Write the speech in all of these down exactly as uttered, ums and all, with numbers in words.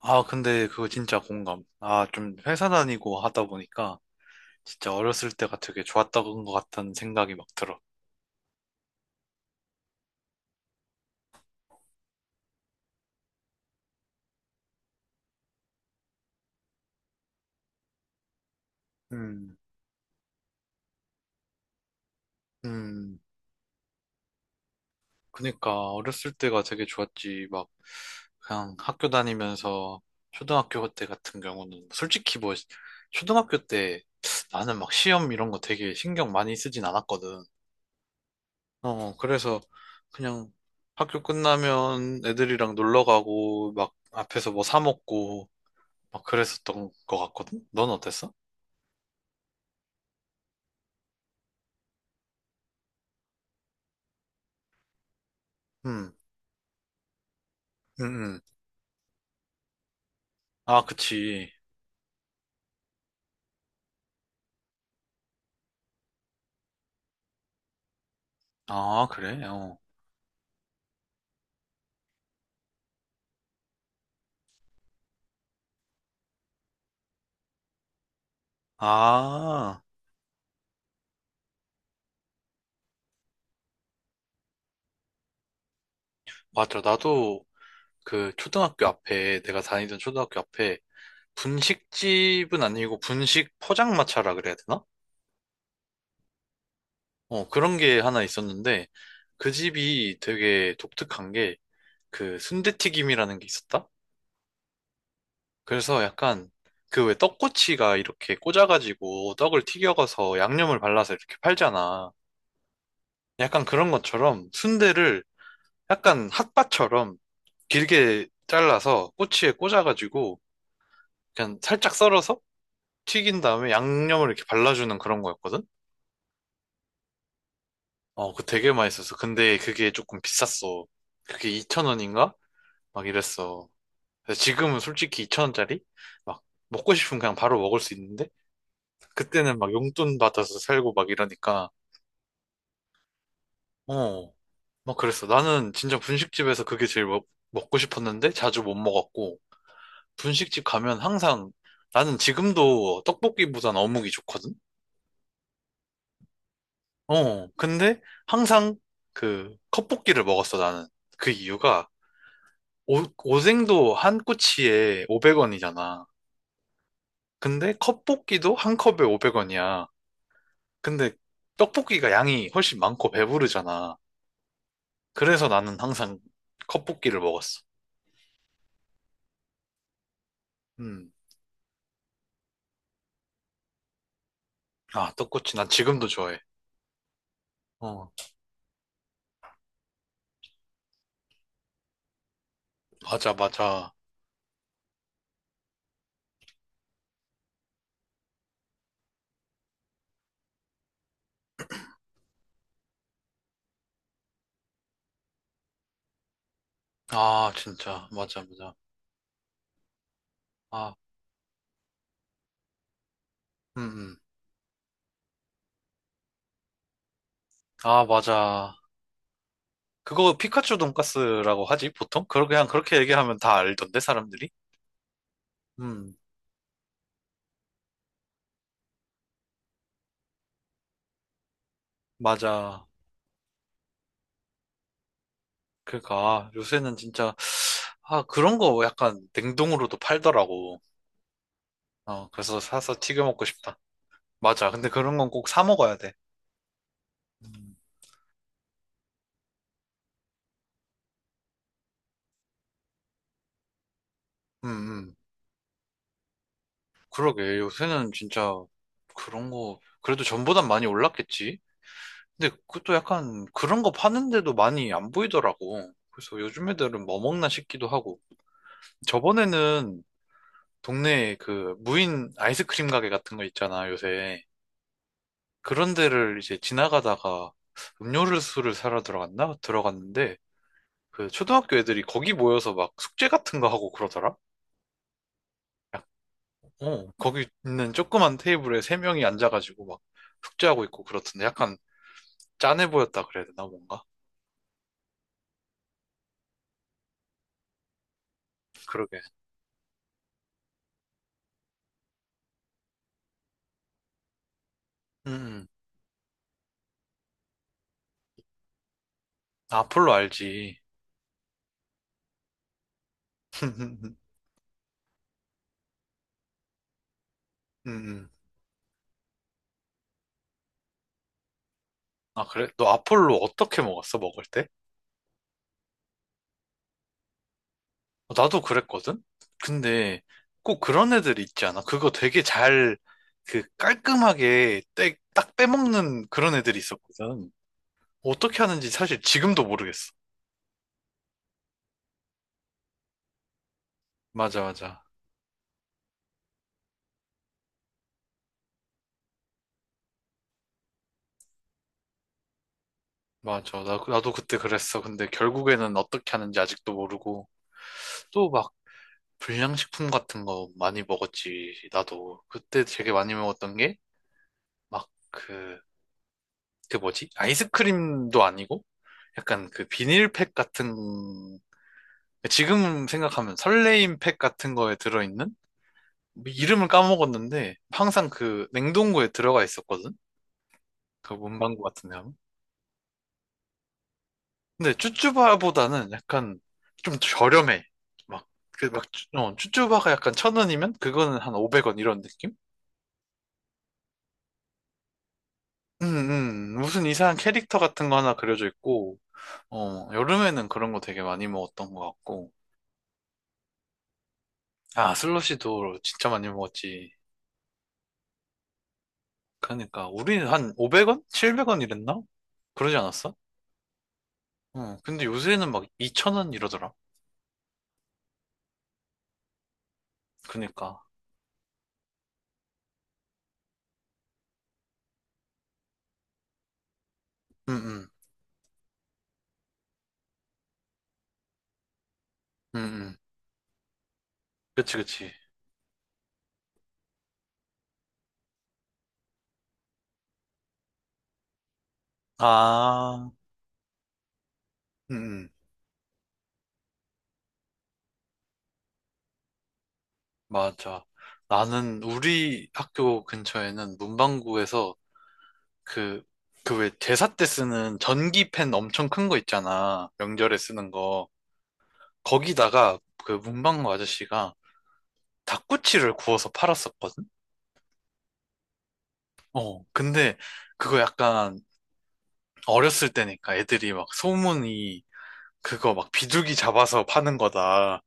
아, 근데 그거 진짜 공감. 아, 좀 회사 다니고 하다 보니까 진짜 어렸을 때가 되게 좋았던 것 같다는 생각이 막 들어. 음, 음, 그니까 어렸을 때가 되게 좋았지. 막 그냥 학교 다니면서 초등학교 때 같은 경우는 솔직히 뭐 초등학교 때 나는 막 시험 이런 거 되게 신경 많이 쓰진 않았거든. 어, 그래서 그냥 학교 끝나면 애들이랑 놀러 가고 막 앞에서 뭐 사 먹고 막 그랬었던 것 같거든? 넌 어땠어? 응. 응응. 아, 그치. 아, 그래? 어. 아, 맞아. 나도. 그 초등학교 앞에, 내가 다니던 초등학교 앞에 분식집은 아니고 분식 포장마차라 그래야 되나? 어, 그런 게 하나 있었는데 그 집이 되게 독특한 게 그 순대튀김이라는 게 있었다? 그래서 약간 그 왜 떡꼬치가 이렇게 꽂아가지고 떡을 튀겨가서 양념을 발라서 이렇게 팔잖아. 약간 그런 것처럼 순대를 약간 핫바처럼 길게 잘라서 꼬치에 꽂아가지고 그냥 살짝 썰어서 튀긴 다음에 양념을 이렇게 발라주는 그런 거였거든? 어, 그거 되게 맛있었어. 근데 그게 조금 비쌌어. 그게 이천 원인가? 막 이랬어. 그래서 지금은 솔직히 이천 원짜리? 막 먹고 싶으면 그냥 바로 먹을 수 있는데 그때는 막 용돈 받아서 살고 막 이러니까 어, 막 그랬어. 나는 진짜 분식집에서 그게 제일 먹, 먹고 싶었는데 자주 못 먹었고 분식집 가면 항상 나는 지금도 떡볶이보단 어묵이 좋거든? 어, 근데 항상 그 컵볶이를 먹었어, 나는. 그 이유가 오, 오뎅도 한 꼬치에 오백 원이잖아. 근데 컵볶이도 한 컵에 오백 원이야. 근데 떡볶이가 양이 훨씬 많고 배부르잖아. 그래서 나는 항상 컵볶이를 먹었어. 음. 아, 떡꼬치 난 지금도 좋아해. 어, 맞아, 맞아. 아, 진짜. 맞아, 맞아. 아, 음, 음. 아, 맞아. 그거 피카츄 돈까스라고 하지, 보통? 그러- 그냥 그렇게 얘기하면 다 알던데, 사람들이? 음, 맞아. 그러니까, 아, 요새는 진짜, 아, 그런 거 약간 냉동으로도 팔더라고. 어, 그래서 사서 튀겨 먹고 싶다. 맞아. 근데 그런 건 꼭 사 먹어야 돼. 음, 음. 음. 그러게. 요새는 진짜 그런 거, 그래도 전보단 많이 올랐겠지? 근데 그것도 약간 그런 거 파는데도 많이 안 보이더라고. 그래서 요즘 애들은 뭐 먹나 싶기도 하고. 저번에는 동네에 그 무인 아이스크림 가게 같은 거 있잖아, 요새. 그런 데를 이제 지나가다가 음료수를 사러 들어갔나? 들어갔는데 그 초등학교 애들이 거기 모여서 막 숙제 같은 거 하고 그러더라? 약- 어, 거기 있는 조그만 테이블에 세 명이 앉아가지고 막 숙제하고 있고 그렇던데 약간 짠해 보였다 그래야 되나, 뭔가? 그러게. 음, 음. 아폴로 알지. 음, 음. 아, 그래? 너 아폴로 어떻게 먹었어, 먹을 때? 어, 나도 그랬거든? 근데 꼭 그런 애들 있지 않아? 그거 되게 잘, 그 깔끔하게 떼- 딱 빼먹는 그런 애들이 있었거든. 어떻게 하는지 사실 지금도 모르겠어. 맞아, 맞아. 맞아. 나, 나도 그때 그랬어. 근데 결국에는 어떻게 하는지 아직도 모르고. 또 막 불량식품 같은 거 많이 먹었지. 나도. 그때 되게 많이 먹었던 게, 막 그, 그 뭐지? 아이스크림도 아니고? 약간 그 비닐팩 같은 지금 생각하면 설레임 팩 같은 거에 들어있는? 뭐 이름을 까먹었는데 항상 그 냉동고에 들어가 있었거든? 그 문방구 같은 데 하면. 근데 쭈쭈바보다는 약간 좀 저렴해. 막, 그 막, 쭈- 어, 쭈쭈바가 약간 천 원이면 그거는 한 오백 원 이런 느낌? 음, 음. 음. 무슨 이상한 캐릭터 같은 거 하나 그려져 있고, 어, 여름에는 그런 거 되게 많이 먹었던 것 같고. 아, 슬러시도 진짜 많이 먹었지. 그러니까, 우리는 한 오백 원? 칠백 원 이랬나? 그러지 않았어? 응. 근데 요새는 막이천 원 이러더라. 그니까. 응, 응, 응, 응. 그치, 그치. 아, 응, 응. 맞아. 나는 우리 학교 근처에는 문방구에서 그, 그 왜 제사 때 쓰는 전기펜 엄청 큰 거 있잖아. 명절에 쓰는 거. 거기다가 그 문방구 아저씨가 닭꼬치를 구워서 팔았었거든? 어, 근데 그거 약간 어렸을 때니까 애들이 막 소문이 그거 막 비둘기 잡아서 파는 거다.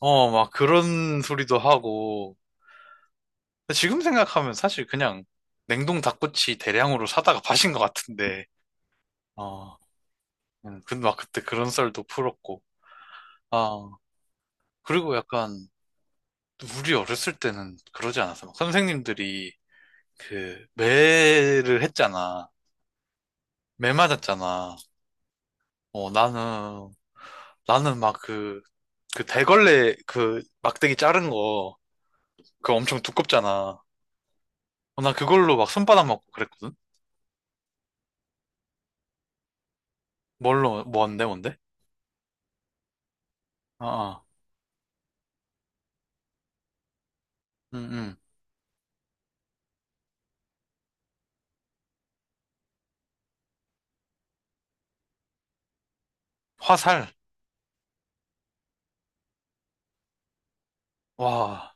어, 막 그런 소리도 하고. 근데 지금 생각하면 사실 그냥 냉동 닭꼬치 대량으로 사다가 파신 것 같은데. 어, 음, 근데 막 그때 그런 썰도 풀었고. 아, 그리고 약간 우리 어렸을 때는 그러지 않았어. 막 선생님들이 그 매를 했잖아. 매 맞았잖아. 어, 나는, 나는 막 그, 그 대걸레 그 막대기 자른 거, 그거 엄청 두껍잖아. 어, 나 그걸로 막 손바닥 맞고 그랬거든? 뭘로, 뭔데, 뭔데? 아, 아. 음, 음. 화살. 와.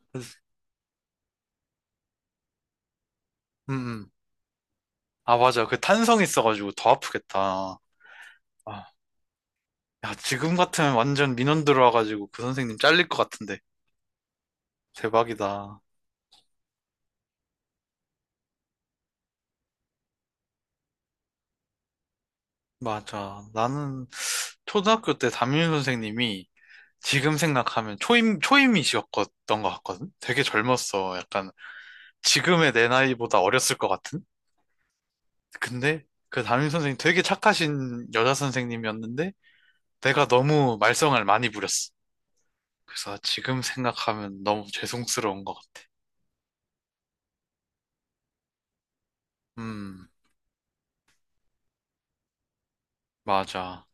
음, 음. 아, 맞아. 그 탄성 있어가지고 더 아프겠다. 아, 야, 지금 같으면 완전 민원 들어와가지고 그 선생님 잘릴 것 같은데. 대박이다. 맞아. 나는 초등학교 때 담임 선생님이 지금 생각하면 초임, 초임이셨던 것 같거든? 되게 젊었어. 약간 지금의 내 나이보다 어렸을 것 같은? 근데 그 담임 선생님 되게 착하신 여자 선생님이었는데 내가 너무 말썽을 많이 부렸어. 그래서 지금 생각하면 너무 죄송스러운 것 같아. 음, 맞아.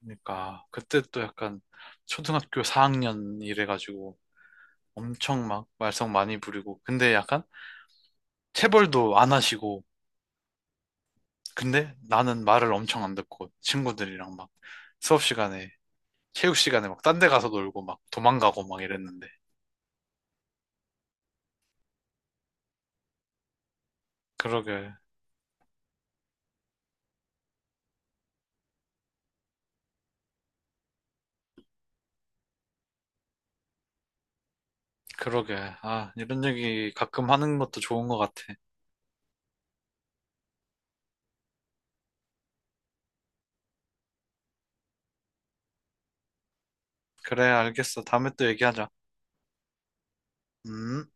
그러니까 그때 또 약간 초등학교 사 학년 이래가지고 엄청 막 말썽 많이 부리고 근데 약간 체벌도 안 하시고 근데 나는 말을 엄청 안 듣고 친구들이랑 막 수업 시간에 체육 시간에 막 딴데 가서 놀고 막 도망가고 막 이랬는데. 그러게. 그러게. 아, 이런 얘기 가끔 하는 것도 좋은 것 같아. 그래, 알겠어. 다음에 또 얘기하자. 음.